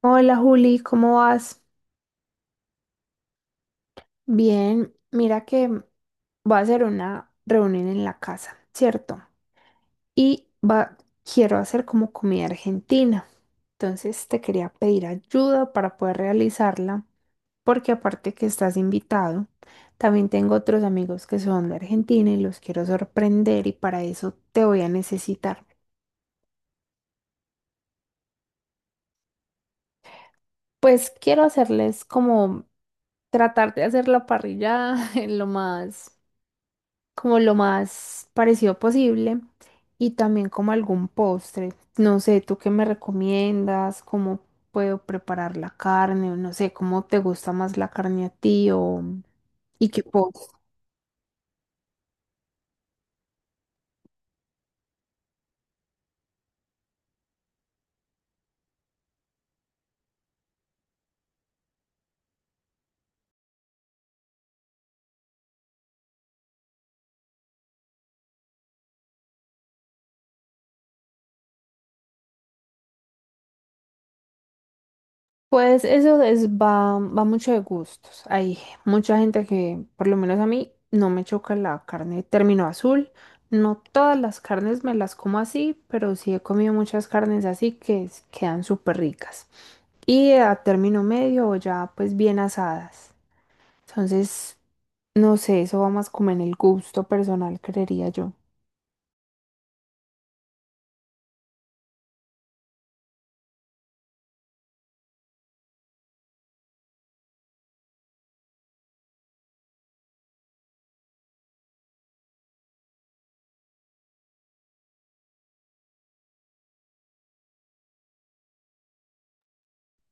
Hola Juli, ¿cómo vas? Bien, mira que voy a hacer una reunión en la casa, ¿cierto? Y va, quiero hacer como comida argentina. Entonces te quería pedir ayuda para poder realizarla, porque aparte que estás invitado, también tengo otros amigos que son de Argentina y los quiero sorprender y para eso te voy a necesitar. Pues quiero hacerles como tratar de hacer la parrilla en lo más como lo más parecido posible y también como algún postre. No sé, ¿tú qué me recomiendas? ¿Cómo puedo preparar la carne? O no sé, ¿cómo te gusta más la carne a ti? O ¿y qué postre? Pues eso es, va, va mucho de gustos. Hay mucha gente que, por lo menos a mí, no me choca la carne de término azul. No todas las carnes me las como así, pero sí he comido muchas carnes así que quedan súper ricas. Y a término medio o ya pues bien asadas. Entonces, no sé, eso va más como en el gusto personal, creería yo.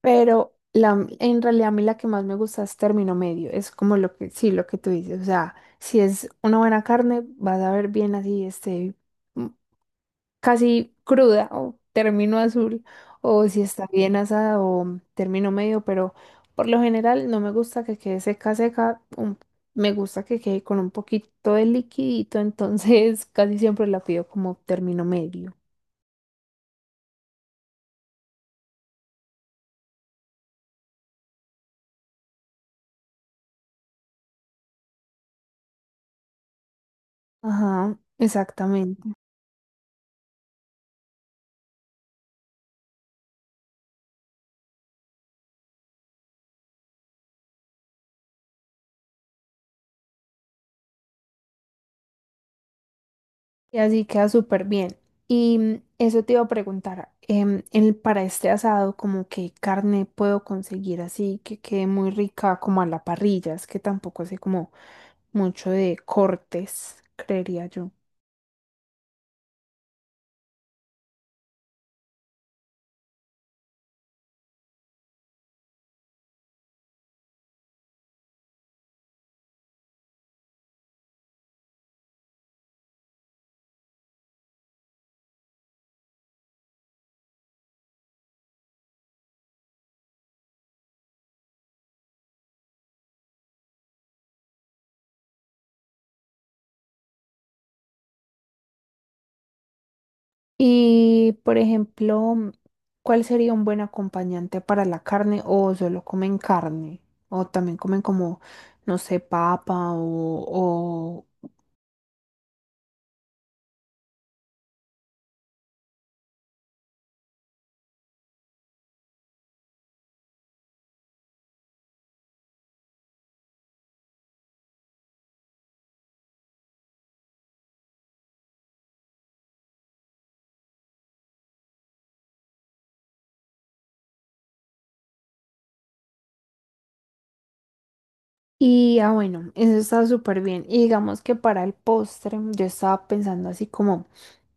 Pero la, en realidad a mí la que más me gusta es término medio, es como lo que, sí, lo que tú dices, o sea, si es una buena carne, vas a ver bien así, este, casi cruda o término azul o si está bien asada o término medio, pero por lo general no me gusta que quede seca seca, me gusta que quede con un poquito de liquidito, entonces casi siempre la pido como término medio. Ajá, exactamente. Y así queda súper bien. Y eso te iba a preguntar, para este asado, como qué carne puedo conseguir así que quede muy rica como a la parrilla, es que tampoco sé como mucho de cortes, creería yo. Y, por ejemplo, ¿cuál sería un buen acompañante para la carne o solo comen carne? O también comen como, no sé, papa o... Y ah, bueno, eso está súper bien. Y digamos que para el postre, yo estaba pensando así como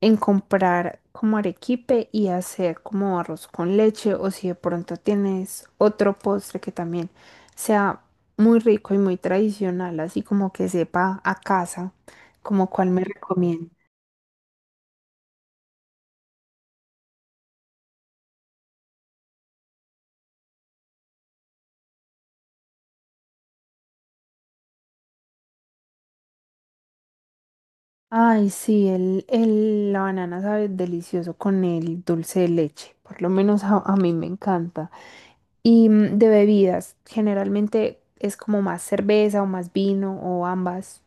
en comprar como arequipe y hacer como arroz con leche, o si de pronto tienes otro postre que también sea muy rico y muy tradicional, así como que sepa a casa, como cuál me recomienda. Ay, sí, el, la banana sabe delicioso con el dulce de leche, por lo menos a mí me encanta. Y de bebidas, generalmente es como más cerveza o más vino o ambas.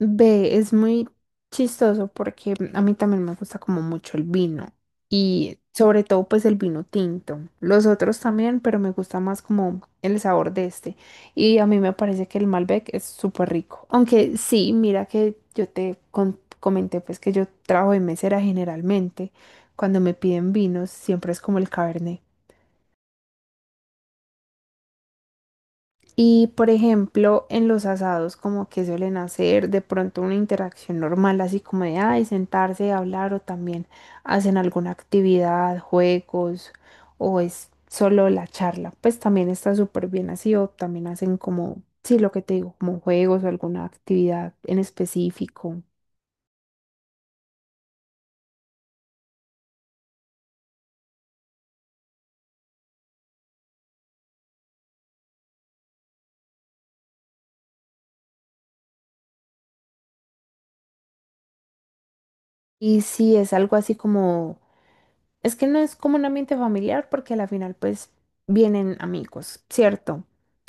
Ve, es muy chistoso porque a mí también me gusta como mucho el vino y sobre todo pues el vino tinto. Los otros también, pero me gusta más como el sabor de este. Y a mí me parece que el Malbec es súper rico. Aunque sí, mira que yo te comenté pues que yo trabajo de mesera generalmente. Cuando me piden vinos siempre es como el Cabernet. Y por ejemplo, en los asados, como que suelen hacer de pronto una interacción normal, así como de, ay, sentarse, a hablar, o también hacen alguna actividad, juegos, o es solo la charla. Pues también está súper bien así, o también hacen como, sí, lo que te digo, como juegos o alguna actividad en específico. Y si es algo así como... Es que no es como un ambiente familiar porque a la final pues vienen amigos, ¿cierto?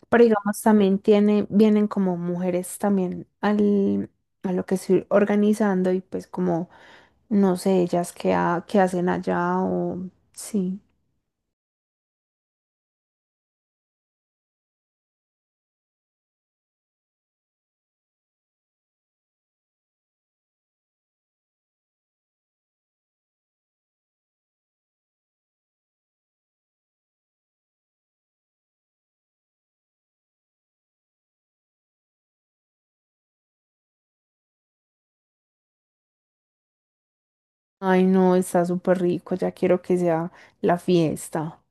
Pero digamos también tiene, vienen como mujeres también al, a lo que estoy organizando y pues como no sé ellas qué, qué hacen allá o sí. Ay no, está súper rico, ya quiero que sea la fiesta.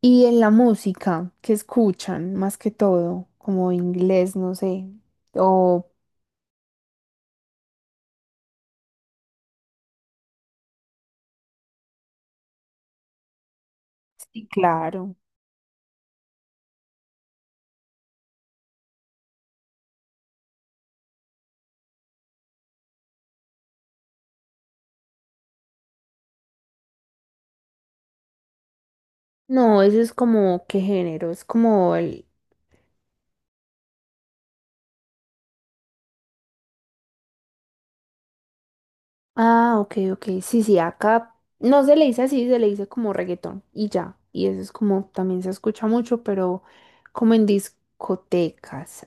Y en la música que escuchan más que todo, como inglés, no sé. O sí, claro. No, ese es como, ¿qué género? Es como el... Ah, ok, ok. Sí, sí, acá no se le dice así, se le dice como reggaetón y ya. Y eso es como, también se escucha mucho, pero como en discotecas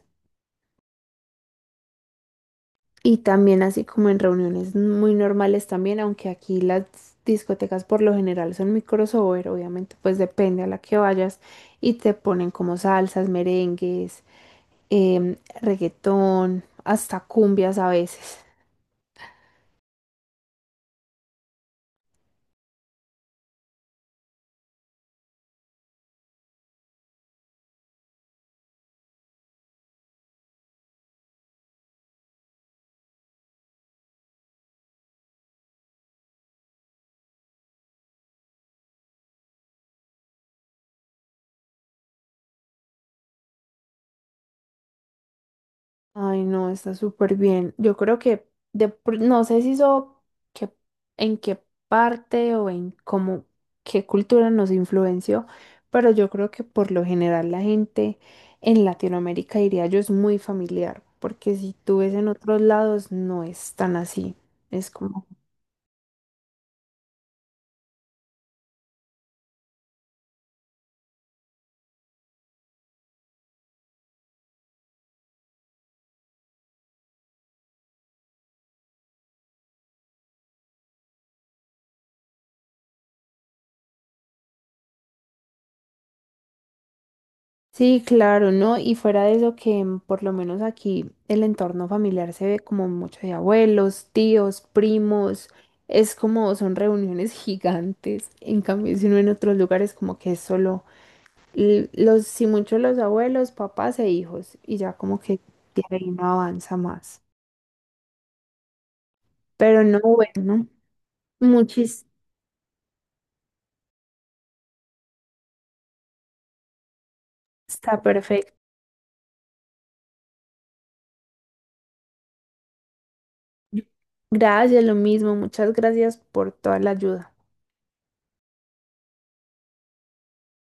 y también así como en reuniones muy normales también, aunque aquí las discotecas por lo general son microsober, obviamente pues depende a la que vayas y te ponen como salsas, merengues, reggaetón, hasta cumbias a veces. Ay, no, está súper bien. Yo creo que de no sé si eso, que en qué parte o en cómo qué cultura nos influenció, pero yo creo que por lo general la gente en Latinoamérica diría yo es muy familiar, porque si tú ves en otros lados no es tan así. Es como... Sí, claro, ¿no? Y fuera de eso que por lo menos aquí el entorno familiar se ve como mucho de abuelos, tíos, primos, es como son reuniones gigantes. En cambio, si uno en otros lugares como que es solo los, si mucho los abuelos, papás e hijos, y ya como que de ahí no avanza más. Pero no, bueno, muchis, está perfecto. Gracias, lo mismo, muchas gracias por toda la ayuda.